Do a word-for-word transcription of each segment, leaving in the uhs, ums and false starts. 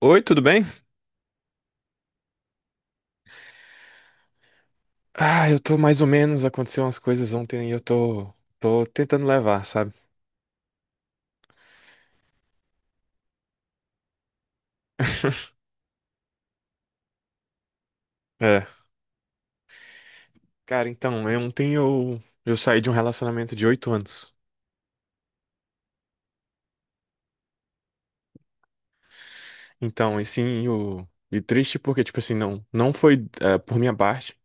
Oi, tudo bem? Ah, eu tô mais ou menos. Aconteceu umas coisas ontem e eu tô, tô tentando levar, sabe? É. Cara, então, eu- ontem eu, eu saí de um relacionamento de oito anos. Então, e sim, o, e triste porque, tipo assim, não, não foi eh, por minha parte,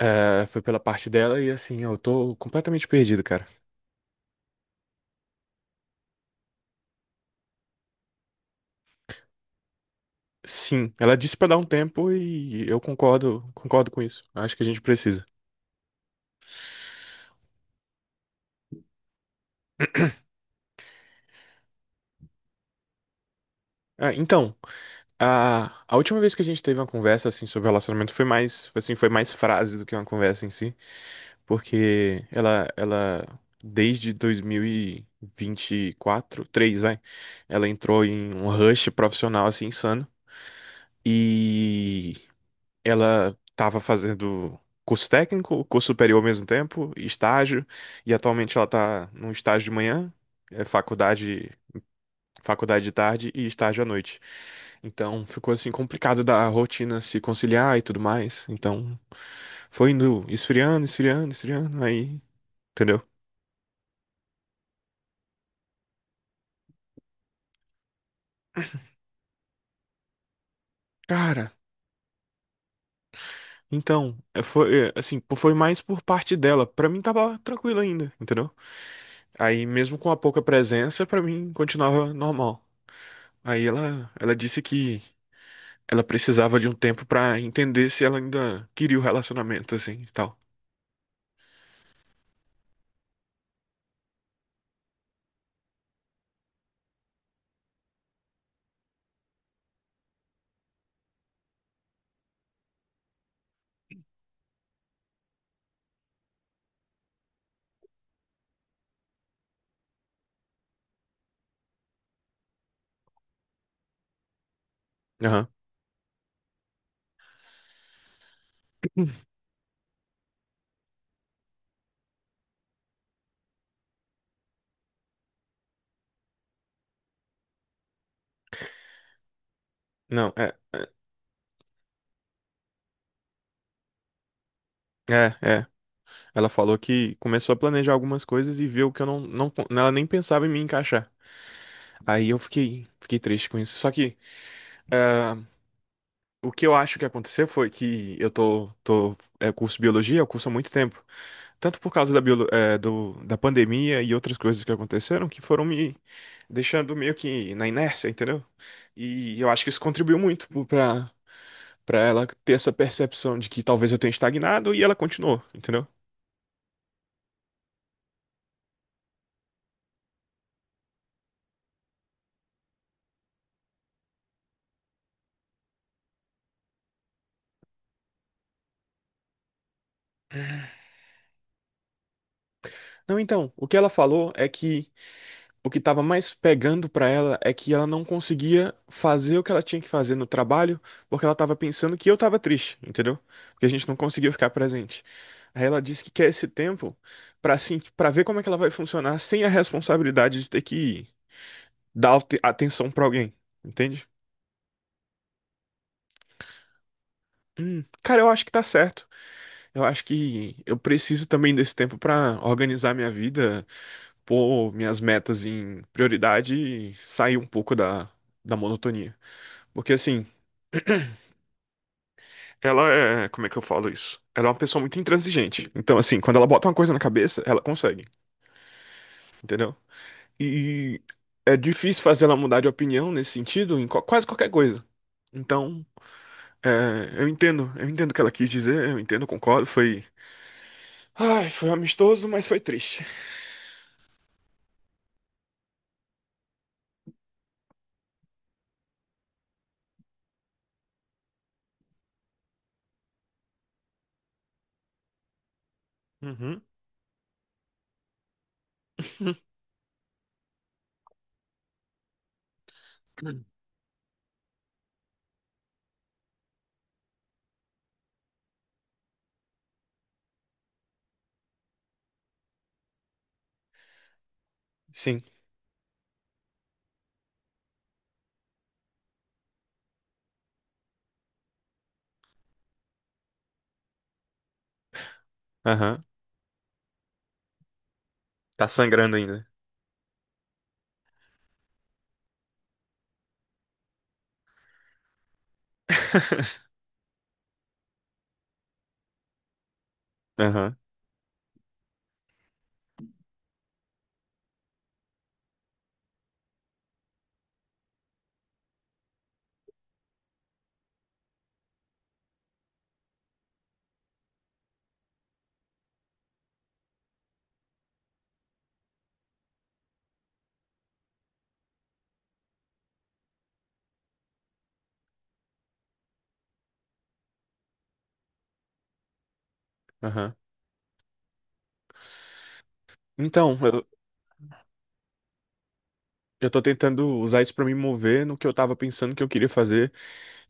eh, foi pela parte dela e assim, eu tô completamente perdido, cara. Sim, ela disse pra dar um tempo e eu concordo, concordo com isso. Acho que a gente precisa. Ah, então. A, a última vez que a gente teve uma conversa assim sobre relacionamento foi mais, assim, foi mais frase do que uma conversa em si, porque ela ela desde dois mil e vinte e quatro, três, vai, ela entrou em um rush profissional assim insano e ela estava fazendo curso técnico, curso superior ao mesmo tempo, estágio, e atualmente ela tá num estágio de manhã, é faculdade faculdade de tarde e estágio à noite. Então ficou assim complicado da rotina se conciliar e tudo mais. Então foi indo esfriando, esfriando, esfriando, aí, entendeu? Cara, então, é, foi é, assim, pô, foi mais por parte dela. Pra mim tava tranquilo ainda, entendeu? Aí mesmo com a pouca presença, pra mim continuava normal. Aí ela ela disse que ela precisava de um tempo pra entender se ela ainda queria o relacionamento assim, e tal. Aham. Não, é, é, é. É. Ela falou que começou a planejar algumas coisas e viu que eu não, não, con- ela nem pensava em me encaixar. Aí eu fiquei, fiquei triste com isso. Só que ah, o que eu acho que aconteceu foi que eu tô, tô é, curso biologia, eu curso há muito tempo. Tanto por causa da, biolo, é, do, da pandemia e outras coisas que aconteceram que foram me deixando meio que na inércia, entendeu? E eu acho que isso contribuiu muito pro- pra, pra ela ter essa percepção de que talvez eu tenha estagnado e ela continuou, entendeu? Não, então, o que ela falou é que o que estava mais pegando para ela é que ela não conseguia fazer o que ela tinha que fazer no trabalho, porque ela estava pensando que eu estava triste, entendeu? Porque a gente não conseguiu ficar presente. Aí ela disse que quer esse tempo para assim, para ver como é que ela vai funcionar sem a responsabilidade de ter que dar ate- atenção para alguém, entende? Hum, cara, eu acho que tá certo. Eu acho que eu preciso também desse tempo para organizar minha vida, pôr minhas metas em prioridade e sair um pouco da, da monotonia. Porque assim, Ela é, é, como é que eu falo isso? Ela é uma pessoa muito intransigente. Então, assim, quando ela bota uma coisa na cabeça, ela consegue, entendeu? E é difícil fazer ela mudar de opinião nesse sentido em qua- quase qualquer coisa. Então, é, eu entendo, eu entendo o que ela quis dizer, eu entendo, concordo. Foi, ai, foi amistoso, mas foi triste. Uhum. Sim. Aham. Tá sangrando ainda. Aham. Aham. Então, eu, eu tô tentando usar isso pra me mover no que eu tava pensando que eu queria fazer.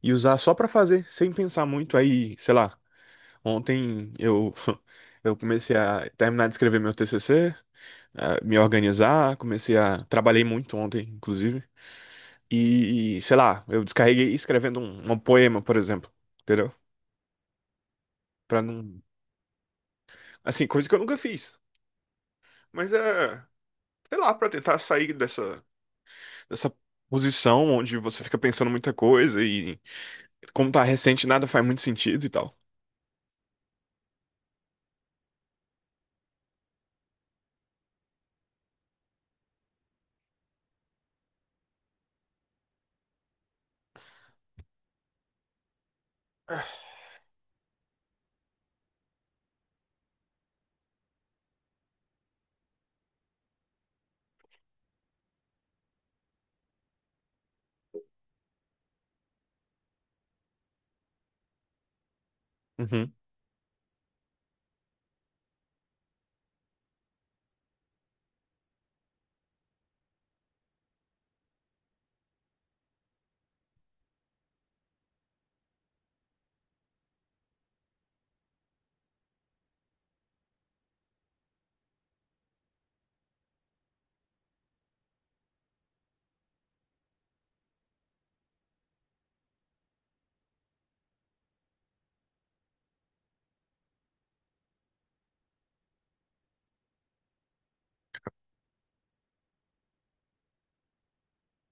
E usar só pra fazer, sem pensar muito. Aí, sei lá, ontem eu eu comecei a terminar de escrever meu T C C, a me organizar, comecei a trabalhei muito ontem, inclusive. E, sei lá, eu descarreguei escrevendo um, um poema, por exemplo, entendeu? Pra não, assim, coisa que eu nunca fiz. Mas é, sei lá, pra tentar sair dessa dessa posição onde você fica pensando muita coisa e como tá recente, nada faz muito sentido e tal. Uhum.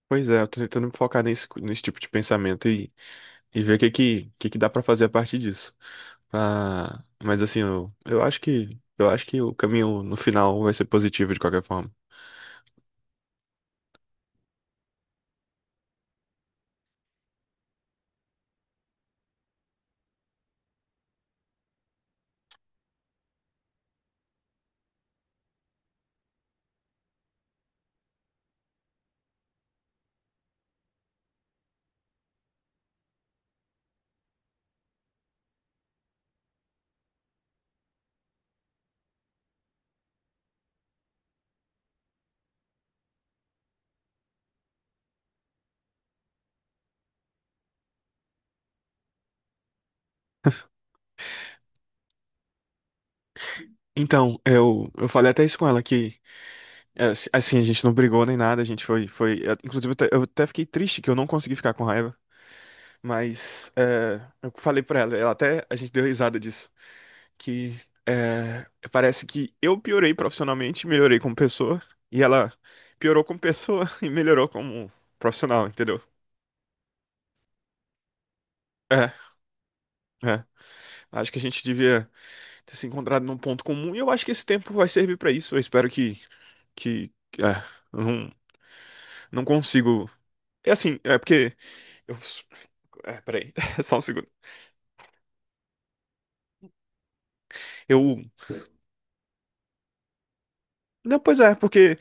Pois é, eu tô tentando me focar nesse, nesse tipo de pensamento e, e ver o que que, que que dá pra fazer a partir disso. Ah, mas assim, eu, eu acho que eu acho que o caminho no final vai ser positivo de qualquer forma. Então, eu, eu falei até isso com ela que É, assi- Assim, a gente não brigou nem nada, a gente foi, foi, é, inclusive eu até eu até fiquei triste que eu não consegui ficar com raiva, mas é, eu falei pra ela, ela até, a gente deu risada disso, que é, parece que eu piorei profissionalmente, melhorei como pessoa, e ela piorou como pessoa e melhorou como profissional, entendeu? É, é. Acho que a gente devia ter se encontrado num ponto comum e eu acho que esse tempo vai servir pra isso. Eu espero que, que, que- é, eu não, não consigo. É assim, é porque eu É, peraí, só um segundo. Eu. Não, pois é, porque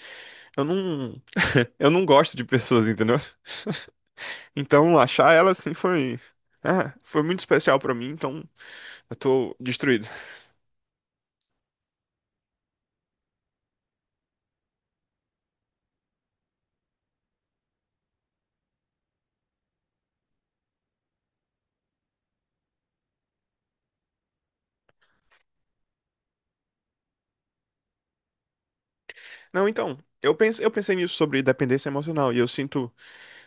eu não. Eu não gosto de pessoas, entendeu? Então achar ela assim foi. É, foi muito especial pra mim, então eu tô destruído. Não, então, eu pensei, eu pensei nisso sobre dependência emocional e eu sinto,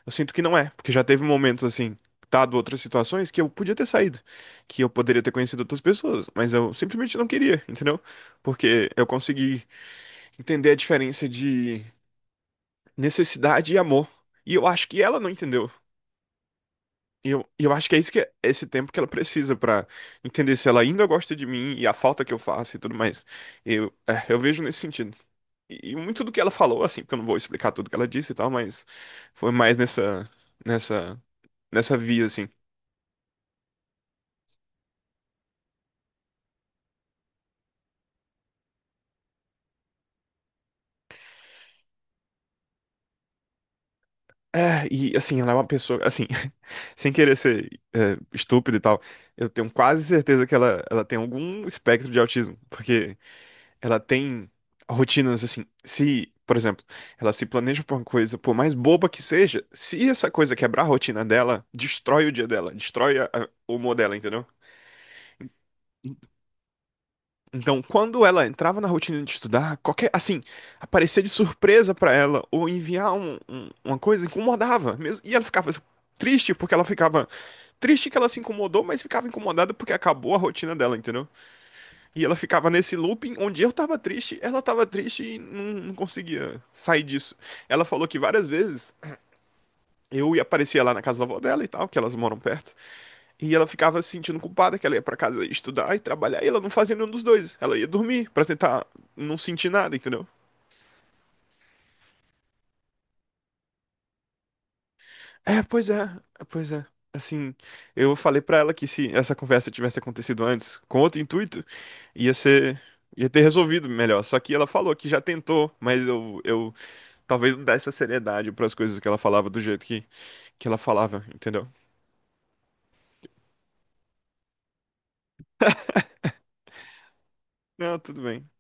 eu sinto que não é, porque já teve momentos assim, dado outras situações que eu podia ter saído, que eu poderia ter conhecido outras pessoas, mas eu simplesmente não queria, entendeu? Porque eu consegui entender a diferença de necessidade e amor. E eu acho que ela não entendeu. E eu, e eu acho que é isso que é esse tempo que ela precisa pra entender se ela ainda gosta de mim e a falta que eu faço e tudo mais. Eu, é, eu vejo nesse sentido. E, e muito do que ela falou, assim, porque eu não vou explicar tudo que ela disse e tal, mas foi mais nessa, nessa, nessa via, assim. É, e assim, ela é uma pessoa, assim, sem querer ser é, estúpido e tal, eu tenho quase certeza que ela, ela tem algum espectro de autismo, porque ela tem rotinas assim. Se, por exemplo, ela se planeja pra uma coisa, por mais boba que seja, se essa coisa quebrar a rotina dela, destrói o dia dela, destrói a- a- o humor dela, entendeu? Então, quando ela entrava na rotina de estudar, qualquer, assim, aparecer de surpresa pra ela ou enviar um- um- uma coisa incomodava mesmo, e ela ficava triste porque ela ficava triste que ela se incomodou, mas ficava incomodada porque acabou a rotina dela, entendeu? E ela ficava nesse looping onde eu tava triste, ela tava triste e não, não conseguia sair disso. Ela falou que várias vezes eu ia aparecia lá na casa da avó dela e tal, que elas moram perto, e ela ficava se sentindo culpada que ela ia pra casa estudar e trabalhar, e ela não fazia nenhum dos dois. Ela ia dormir pra tentar não sentir nada, entendeu? É, pois é, pois é. Assim, eu falei pra ela que se essa conversa tivesse acontecido antes, com outro intuito, ia ser, ia ter resolvido melhor. Só que ela falou que já tentou, mas eu, eu talvez não desse a seriedade para as coisas que ela falava do jeito que, que ela falava, entendeu? Não, tudo bem.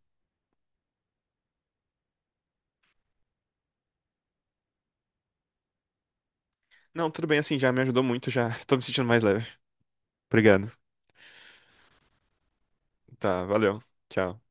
Não, tudo bem assim, já me ajudou muito, já tô me sentindo mais leve. Obrigado. Tá, valeu. Tchau.